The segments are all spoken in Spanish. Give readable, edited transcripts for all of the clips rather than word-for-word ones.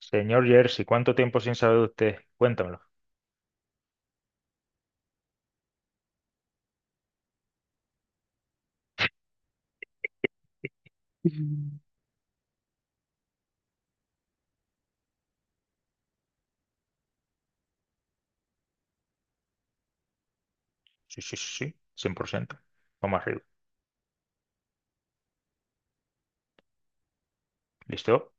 Señor Jersey, ¿cuánto tiempo sin saber de usted? Cuéntamelo. Mm. Sí, sí, sí, sí, 100%. Vamos arriba. ¿Listo?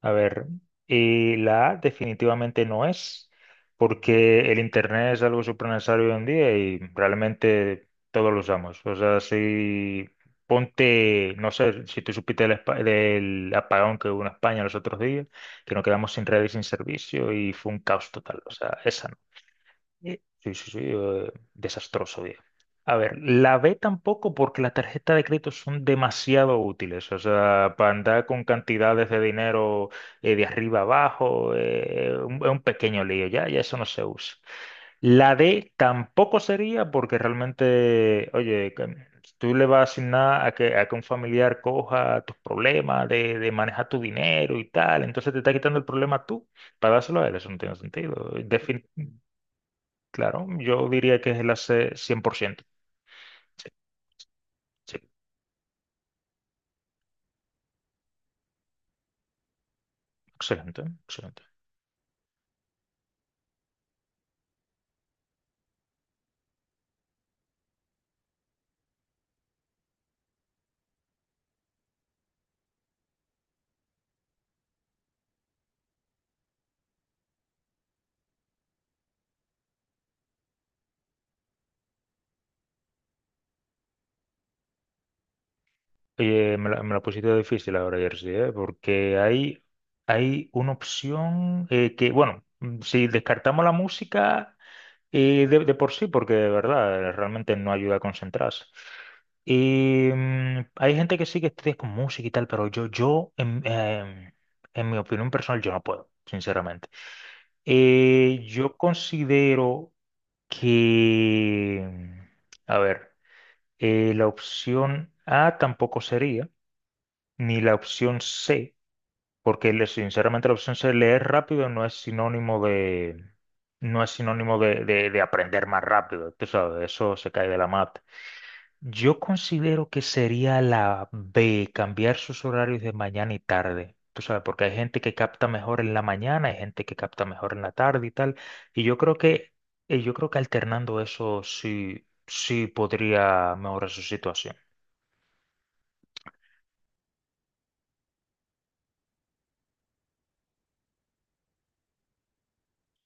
A ver, y la A definitivamente no es, porque el Internet es algo súper necesario hoy en día y realmente todos lo usamos. O sea, si ponte, no sé, si tú supiste del, del apagón que hubo en España los otros días, que nos quedamos sin red y sin servicio y fue un caos total. O sea, esa no. Sí, sí, sí, desastroso, bien. A ver, la B tampoco porque las tarjetas de crédito son demasiado útiles, o sea, para andar con cantidades de dinero de arriba abajo, es un pequeño lío, ya eso no se usa. La D tampoco sería porque realmente, oye, que tú le vas a asignar a que un familiar coja tus problemas de manejar tu dinero y tal, entonces te está quitando el problema tú para dárselo a él, eso no tiene sentido. Claro, yo diría que es el AC 100%. Sí, sí, excelente, excelente. Oye, me la pusiste difícil ahora, Jersey, ¿eh? Porque hay una opción que, bueno, si descartamos la música de por sí, porque de verdad realmente no ayuda a concentrarse. Y hay gente que sí que estudia con música y tal, pero yo en mi opinión personal, yo no puedo, sinceramente. Yo considero que, a ver, la opción A tampoco sería, ni la opción C, porque sinceramente la opción C, leer rápido, no es sinónimo de, no es sinónimo de aprender más rápido, tú sabes, eso se cae de la mata. Yo considero que sería la B, cambiar sus horarios de mañana y tarde. Tú sabes, porque hay gente que capta mejor en la mañana, hay gente que capta mejor en la tarde y tal. Y yo creo que alternando eso sí, sí podría mejorar su situación.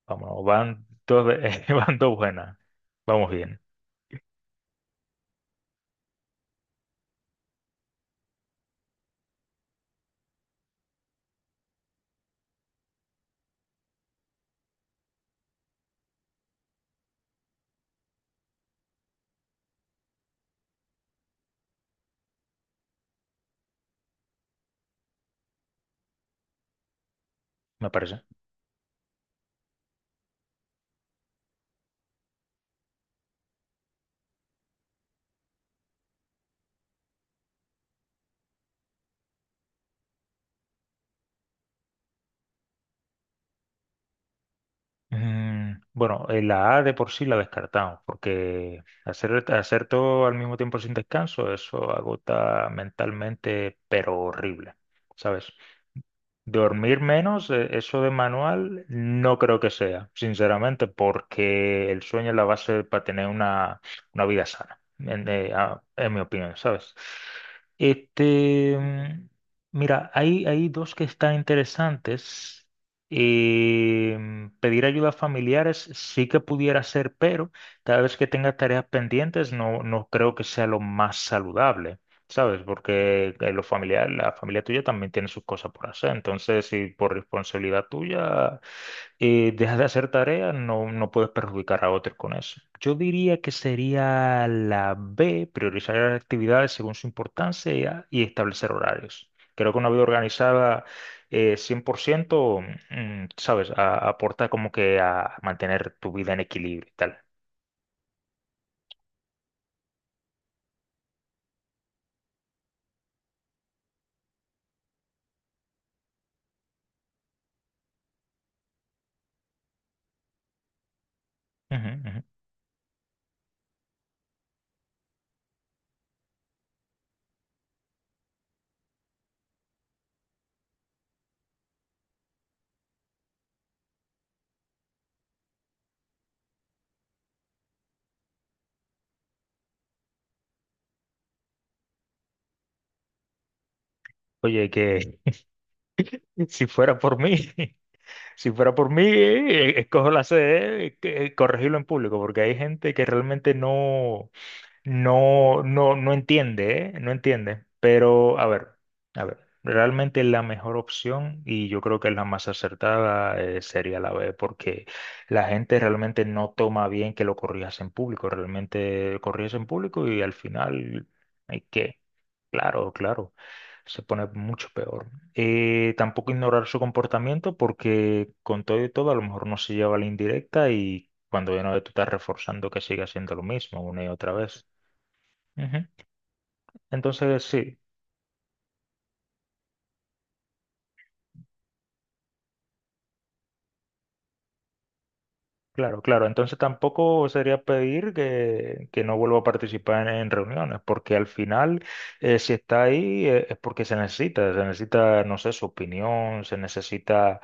Vamos, van dos, van dos buenas. Vamos bien, me parece. Bueno, la A de por sí la descartamos, porque hacer todo al mismo tiempo sin descanso, eso agota mentalmente, pero horrible, ¿sabes? Dormir menos, eso de manual, no creo que sea, sinceramente, porque el sueño es la base para tener una vida sana, en mi opinión, ¿sabes? Este, mm, mira, hay dos que están interesantes. Pedir ayuda a familiares sí que pudiera ser, pero cada vez que tenga tareas pendientes, no, no creo que sea lo más saludable. ¿Sabes? Porque los familiares, la familia tuya también tiene sus cosas por hacer. Entonces, si por responsabilidad tuya dejas de hacer tareas, no, no puedes perjudicar a otros con eso. Yo diría que sería la B, priorizar las actividades según su importancia y establecer horarios. Creo que una vida organizada 100%, ¿sabes? Aporta como que a mantener tu vida en equilibrio y tal. Ujú, ujú. Oye, que si fuera por mí, si fuera por mí, escojo la sede, corregirlo en público, porque hay gente que realmente no. No, no, no entiende, ¿eh? No entiende. Pero, a ver, realmente la mejor opción, y yo creo que es la más acertada, sería la B, porque la gente realmente no toma bien que lo corrijas en público. Realmente corrías en público y al final hay que, claro, claro, se pone mucho peor. Tampoco ignorar su comportamiento, porque con todo y todo, a lo mejor no se lleva la indirecta y cuando de nuevo tú estás reforzando que siga haciendo lo mismo una y otra vez. Ujú. Entonces, sí, claro, claro. Entonces tampoco sería pedir que no vuelva a participar en reuniones, porque al final, si está ahí, es porque se necesita, no sé, su opinión, se necesita,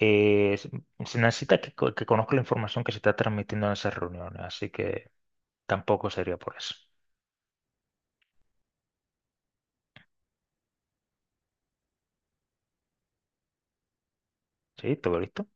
eh, se se necesita que conozca la información que se está transmitiendo en esas reuniones, así que tampoco sería por eso. ¿Sí? ¿Todo listo?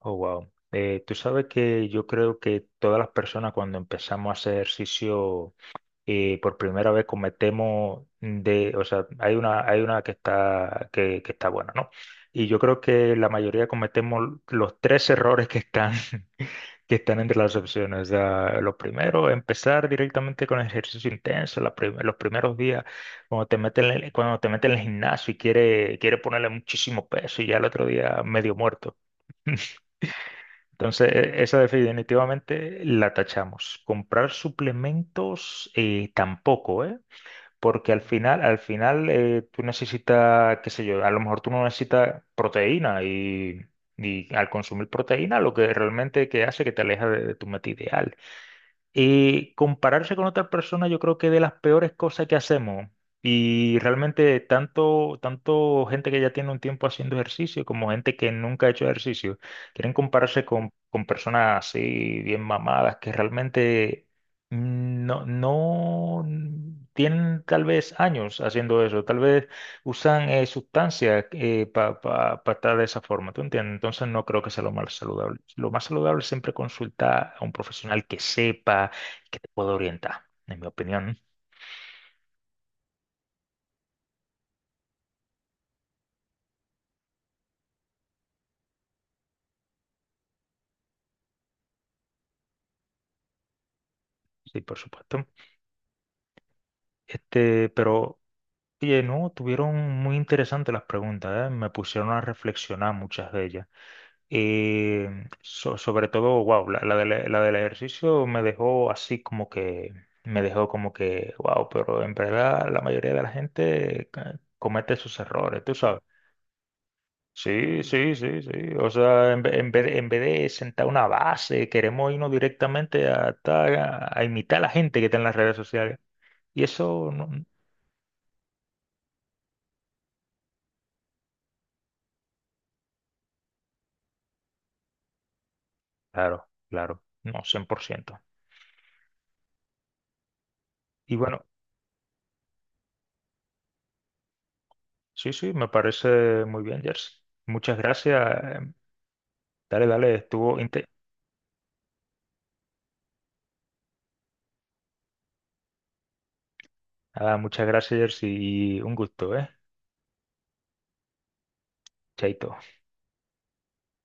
Oh, wow. Tú sabes que yo creo que todas las personas cuando empezamos a hacer ejercicio y por primera vez cometemos de, o sea, hay una que está, que está buena, ¿no? Y yo creo que la mayoría cometemos los tres errores que están, que están entre las opciones. O sea, lo primero, empezar directamente con ejercicio intenso, los primeros días, cuando te meten, cuando te meten en el gimnasio y quiere ponerle muchísimo peso y ya el otro día medio muerto. Entonces, esa definitivamente la tachamos. Comprar suplementos tampoco, ¿eh? Porque al final tú necesitas, qué sé yo, a lo mejor tú no necesitas proteína y al consumir proteína lo que realmente que hace que te aleja de tu meta ideal. Compararse con otra persona yo creo que es de las peores cosas que hacemos. Y realmente tanto gente que ya tiene un tiempo haciendo ejercicio como gente que nunca ha hecho ejercicio, quieren compararse con personas así bien mamadas que realmente no, no tienen tal vez años haciendo eso. Tal vez usan sustancias para estar de esa forma, ¿tú entiendes? Entonces no creo que sea lo más saludable. Lo más saludable es siempre consultar a un profesional que sepa, que te pueda orientar, en mi opinión, ¿no? Sí, por supuesto. Este, pero, oye, no, tuvieron muy interesantes las preguntas, ¿eh? Me pusieron a reflexionar muchas de ellas. Y sobre todo, wow, la del ejercicio me dejó así como que, me dejó como que, wow, pero en verdad la mayoría de la gente comete sus errores, tú sabes. Sí, sí, sí, sí. O sea, en vez de sentar una base, queremos irnos directamente a, a imitar a la gente que está en las redes sociales. Y eso, no, claro, claro, no, cien por ciento. Y bueno, sí, sí, me parece muy bien, Jersey. Muchas gracias. Dale, dale, estuvo nada, muchas gracias Jersey, y un gusto, ¿eh? Chaito.